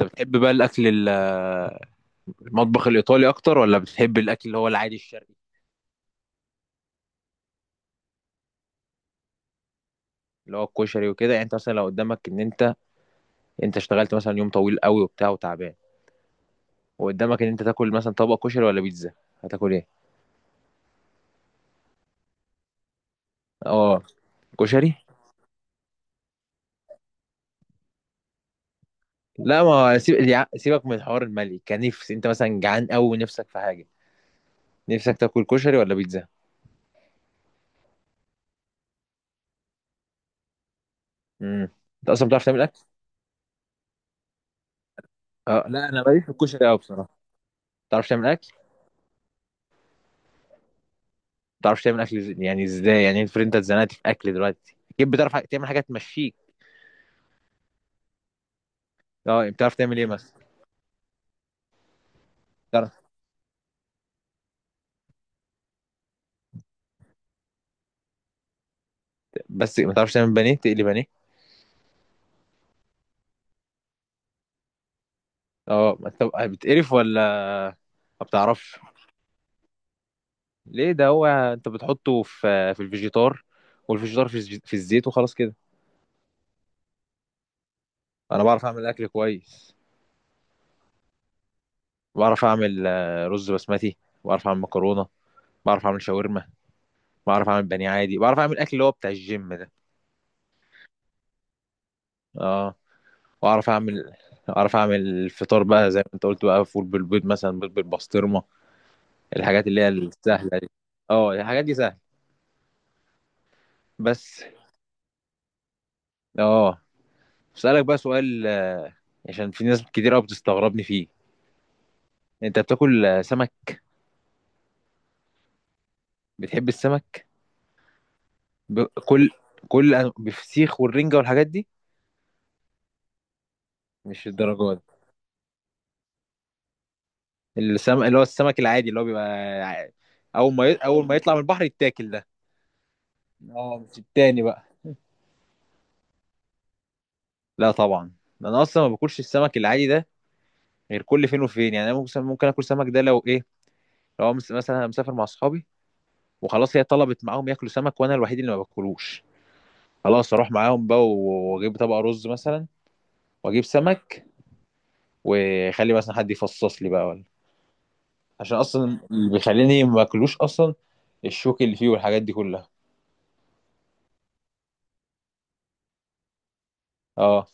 انت بتحب بقى المطبخ الايطالي اكتر ولا بتحب الاكل اللي هو العادي الشرقي؟ اللي هو الكشري وكده، يعني انت مثلا لو قدامك ان انت اشتغلت مثلا يوم طويل قوي وبتاع وتعبان، وقدامك ان انت تاكل مثلا طبق كشري ولا بيتزا، هتاكل ايه؟ اه، كشري. لا، ما سيب... يا- سيبك من الحوار المالي، كنفس انت مثلا جعان قوي ونفسك في حاجه، نفسك تاكل كشري ولا بيتزا؟ امم انت اصلا بتعرف تعمل اكل؟ اه، لا انا ماليش في الكشري قوي بصراحه. بتعرف تعمل اكل؟ يعني ازاي؟ يعني افرض انت اتزنقت في اكل دلوقتي، اكيد بتعرف تعمل حاجه تمشيك. اه، بتعرف تعمل ايه مثلا؟ بتعرف، بس ما تعرفش تعمل بانيه؟ تقلي بانيه؟ اه، ما انت بتقرف ولا ما بتعرفش؟ ليه؟ ده هو انت بتحطه في الفيجيتار، والفيجيتار في الزيت، وخلاص كده. انا بعرف اعمل اكل كويس. بعرف اعمل رز بسمتي، بعرف اعمل مكرونه، بعرف اعمل شاورما، بعرف اعمل بانيه عادي، بعرف اعمل اكل اللي هو بتاع الجيم ده. اه. واعرف اعمل، اعرف اعمل الفطار بقى زي ما انت قلت، بقى فول بالبيض مثلا، بيض بالبسطرمه، الحاجات اللي هي السهله دي. اه، الحاجات دي سهله، بس. اه، اسالك بقى سؤال، عشان في ناس كتير قوي بتستغربني فيه، انت بتاكل سمك؟ بتحب السمك؟ ب... كل كل أن- بفسيخ والرنجة والحاجات دي؟ مش الدرجات دي. اللي هو السمك العادي اللي هو بيبقى، ع- اول ما يطلع من البحر يتاكل، ده. اه، مش التاني بقى. لا طبعا، انا اصلا ما باكلش السمك العادي ده غير كل فين وفين، يعني انا ممكن اكل سمك ده لو ايه، لو مثلا أنا مسافر مع اصحابي وخلاص، هي طلبت معاهم ياكلوا سمك وانا الوحيد اللي ما باكلوش، خلاص اروح معاهم بقى واجيب طبق رز مثلا، واجيب سمك واخلي مثلا حد يفصص لي بقى ولا. عشان اصلا اللي بيخليني ما اكلوش اصلا الشوك اللي فيه والحاجات دي كلها. اه،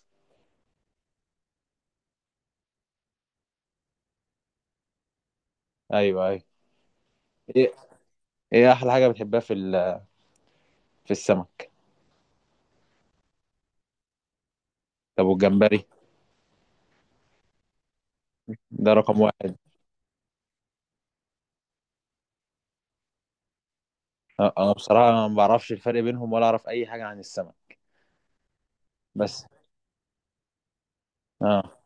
ايوه، ايوه. ايه، احلى حاجه بتحبها في في السمك؟ طب والجمبري؟ ده رقم واحد. انا بصراحه ما بعرفش الفرق بينهم ولا اعرف اي حاجه عن السمك، بس. اه،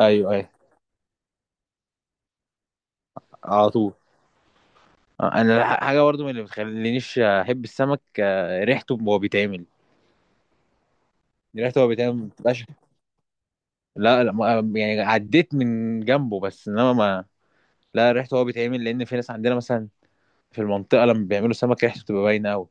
ايوه، ايوه، على طول. انا، حاجه برضو من اللي بتخلينيش احب السمك، ريحته وهو بيتعمل، ما بتبقاش. لا، لا، يعني عديت من جنبه بس انما ما. لا، ريحته هو بيتعمل، لان في ناس عندنا مثلا في المنطقه لما بيعملوا سمك ريحته بتبقى باينه قوي.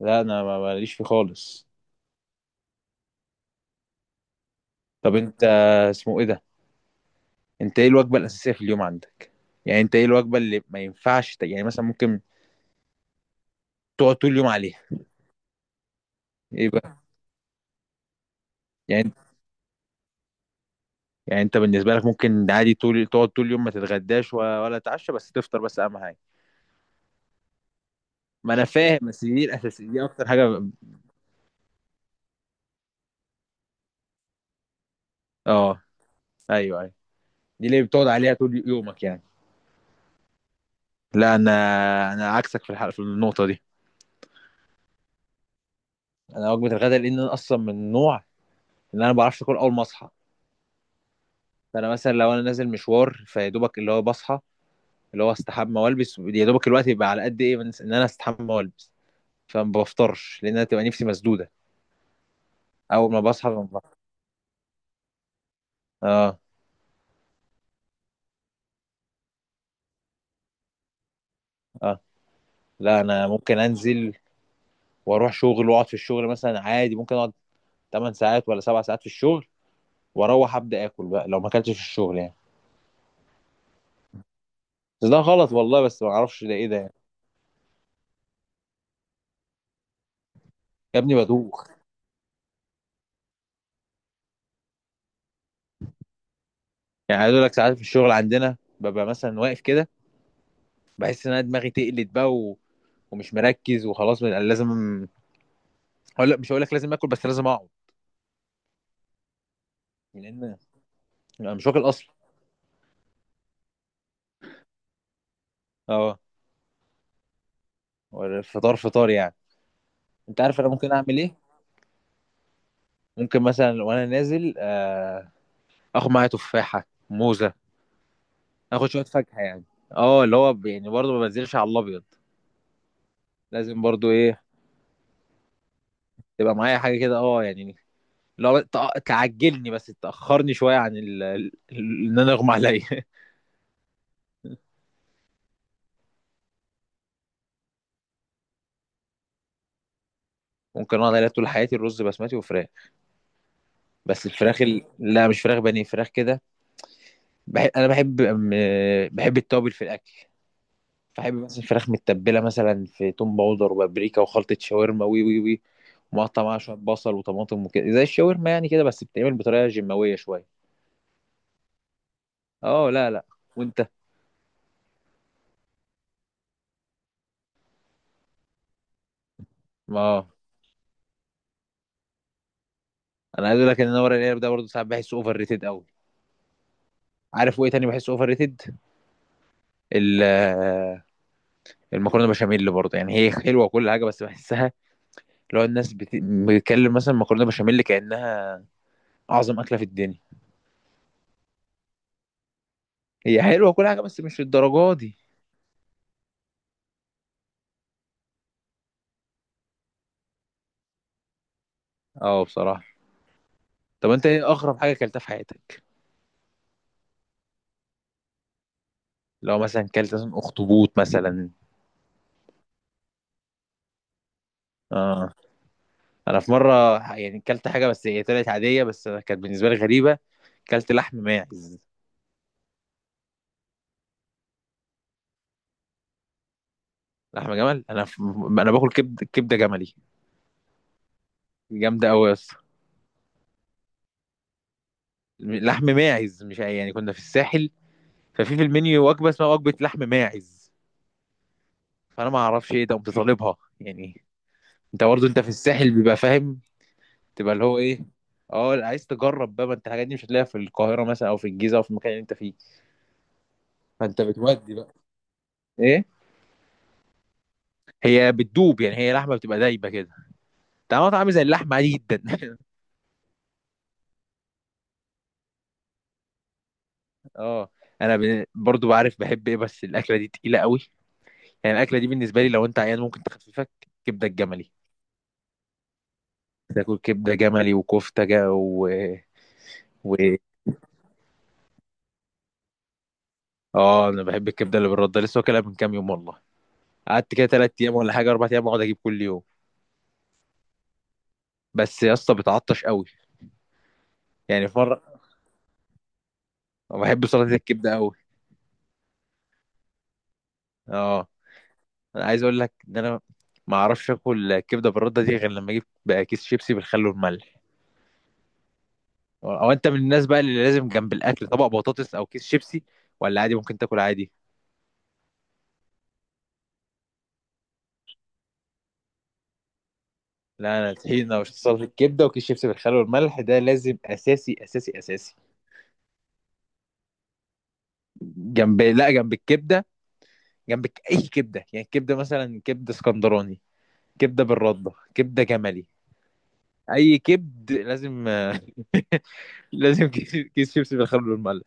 لا انا، ماليش فيه خالص. طب انت، اسمه ايه ده؟ انت ايه الوجبه الاساسيه في اليوم عندك؟ يعني انت ايه الوجبه اللي ما ينفعش يعني، مثلا ممكن تقعد طول اليوم عليها؟ ايه بقى؟ يعني، انت بالنسبه لك ممكن عادي طول تقعد طول اليوم ما تتغداش ولا تتعشى، بس تفطر بس اهم حاجه؟ ما انا فاهم، بس دي الاساسيه، دي اكتر حاجه اه. ايوه، ايوه، دي اللي بتقعد عليها طول يومك يعني. لا انا، عكسك في الحلقه، في النقطه دي. انا وجبه الغداء لان انا اصلا من النوع ان انا ما بعرفش اكل اول ما اصحى، فانا مثلا لو انا نازل مشوار، فيا دوبك اللي هو بصحى، اللي هو استحمى والبس، يا دوبك الوقت يبقى على قد ايه من ان انا استحمى والبس، فما بفطرش لان انا تبقى نفسي مسدوده. اول ما بصحى ما بفطر. اه. اه، لا انا ممكن انزل واروح شغل واقعد في الشغل مثلا عادي، ممكن اقعد 8 ساعات ولا 7 ساعات في الشغل، واروح ابدا اكل بقى لو ما اكلتش في الشغل يعني. بس ده غلط والله، بس ما اعرفش ده ايه ده يعني. يا ابني بدوخ، يعني عايز اقول لك ساعات في الشغل عندنا ببقى مثلا واقف كده، بحس ان انا دماغي تقلت بقى، ومش مركز، وخلاص بقى لازم، هقول لك مش هقول لك لازم اكل، بس لازم اقعد، لان انا مش واكل اصلا. اه، فطار، فطار يعني. انت عارف انا ممكن اعمل ايه؟ ممكن مثلا وانا نازل، اخد معايا تفاحه، موزه، اخد شويه فاكهه يعني. اه، اللي هو يعني برضه ما بنزلش على الابيض، لازم برضه ايه تبقى معايا حاجه، كده اه يعني، لو تعجلني بس تاخرني شويه عن ان انا اغمى عليا ممكن اقعد عليها طول حياتي، الرز بسمتي وفراخ. بس الفراخ، لا مش فراخ بانيه، فراخ كده، انا بحب التوابل في الاكل. فاحب مثلا فراخ متبله مثلا في توم باودر وبابريكا وخلطه شاورما، وي وي وي، ومقطع معاها شويه بصل وطماطم وكده زي الشاورما يعني كده، بس بتتعمل بطريقه جماويه شويه. اه، لا، لا. وانت؟ ما انا عايز اقول لك ان انا ورق العنب ده برضه ساعات بحسه اوفر ريتد قوي. عارف وايه تاني بحسه اوفر ريتد؟ ال- آه، المكرونه بشاميل برضه، يعني هي حلوه وكل حاجه بس بحسها، لو الناس بتتكلم مثلا مكرونه بشاميل كانها اعظم اكله في الدنيا. هي حلوه كل حاجه بس مش الدرجه دي. اه بصراحه. طب انت ايه اغرب حاجه اكلتها في حياتك؟ لو مثلا اكلت مثلا اخطبوط مثلا. اه، انا في مره، يعني اكلت حاجه بس هي طلعت عاديه، بس كانت بالنسبه لي غريبه، اكلت لحم ماعز. لحم جمل؟ انا انا باكل كبده جملي، جامده قوي يا اسطى. لحم ماعز مش يعني، كنا في الساحل، ففي المنيو وجبه اسمها وجبه لحم ماعز، فانا ما اعرفش ايه ده قمت طالبها يعني. انت برضه انت في الساحل بيبقى فاهم، تبقى اللي هو ايه، اه لا، عايز تجرب بقى، ما انت الحاجات دي مش هتلاقيها في القاهره مثلا او في الجيزه او في المكان اللي انت فيه، فانت بتودي بقى. ايه؟ هي بتدوب، يعني هي لحمه بتبقى دايبه كده، طعمها طعم زي اللحمه عادي جدا اه، انا، برضو بعرف بحب ايه، بس الاكله دي تقيله قوي، يعني الاكله دي بالنسبه لي لو انت عيان ممكن تخففك، كبده الجملي. تاكل كبده جملي وكفته جا و... اه. انا بحب الكبده اللي بالرده لسه، واكلها من كام يوم والله، قعدت كده 3 ايام ولا حاجه 4 ايام اقعد اجيب كل يوم، بس يا اسطى بتعطش قوي. يعني في مره، بحب سلطه الكبده قوي. اه، انا عايز اقول لك ان انا ما اعرفش اكل كبده بالرده دي غير لما اجيب بقى كيس شيبسي بالخل والملح. أو انت من الناس بقى اللي لازم جنب الاكل طبق بطاطس او كيس شيبسي، ولا عادي ممكن تاكل عادي؟ لا، انا طحينه وسلطه الكبده وكيس شيبسي بالخل والملح ده لازم، اساسي اساسي اساسي. جنب، لا جنب الكبده، جنب اي كبده يعني، كبده مثلا، كبده اسكندراني، كبده بالرده، كبده جملي، اي كبد لازم لازم كيس شيبسي بالخل والملح،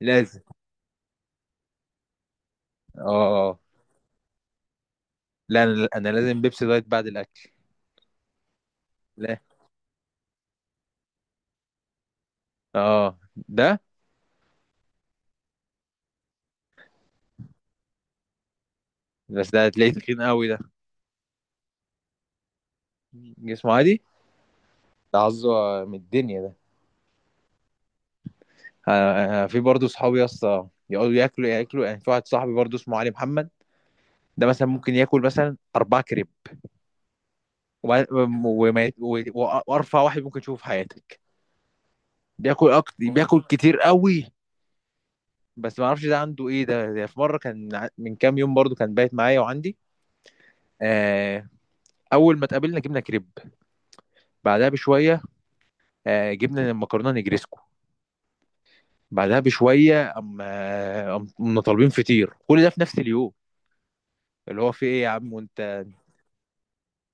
لازم. اه، اه. لا انا، لازم بيبسي دايت بعد الاكل. لا اه، ده، بس ده هتلاقيه تخين قوي، ده جسمه عادي، ده عظه من الدنيا ده. في برضه صحابي يا اسطى يقعدوا ياكلوا ياكلوا، يعني في واحد صاحبي برضه اسمه علي محمد، ده مثلا ممكن ياكل مثلا اربع كريب، وما وما يت- و- و- وارفع واحد ممكن تشوفه في حياتك، بياكل أكتر، بياكل كتير قوي. بس ما اعرفش ده عنده ايه ده, في مره كان من كام يوم برضه كان بايت معايا وعندي. آه اول ما اتقابلنا جبنا كريب، بعدها بشويه جبنا المكرونه نجريسكو، بعدها بشويه اما كنا طالبين فطير، كل ده في نفس اليوم، اللي هو في ايه يا عم؟ وانت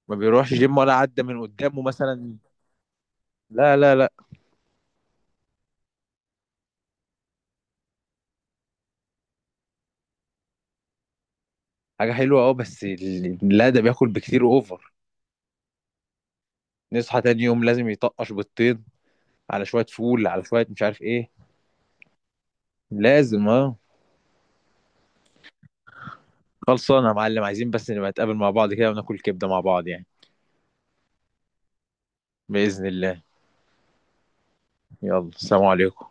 ما بيروحش جيم ولا عدى من قدامه مثلا؟ لا، لا، لا، حاجه حلوه اه، بس لا ده بياكل بكتير اوفر، نصحى تاني يوم لازم يطقش بالطين على شويه فول، على شويه مش عارف ايه، لازم اه. خلصانه يا معلم، عايزين بس نبقى نتقابل مع بعض كده وناكل كبده مع بعض يعني. باذن الله. يلا، سلام عليكم.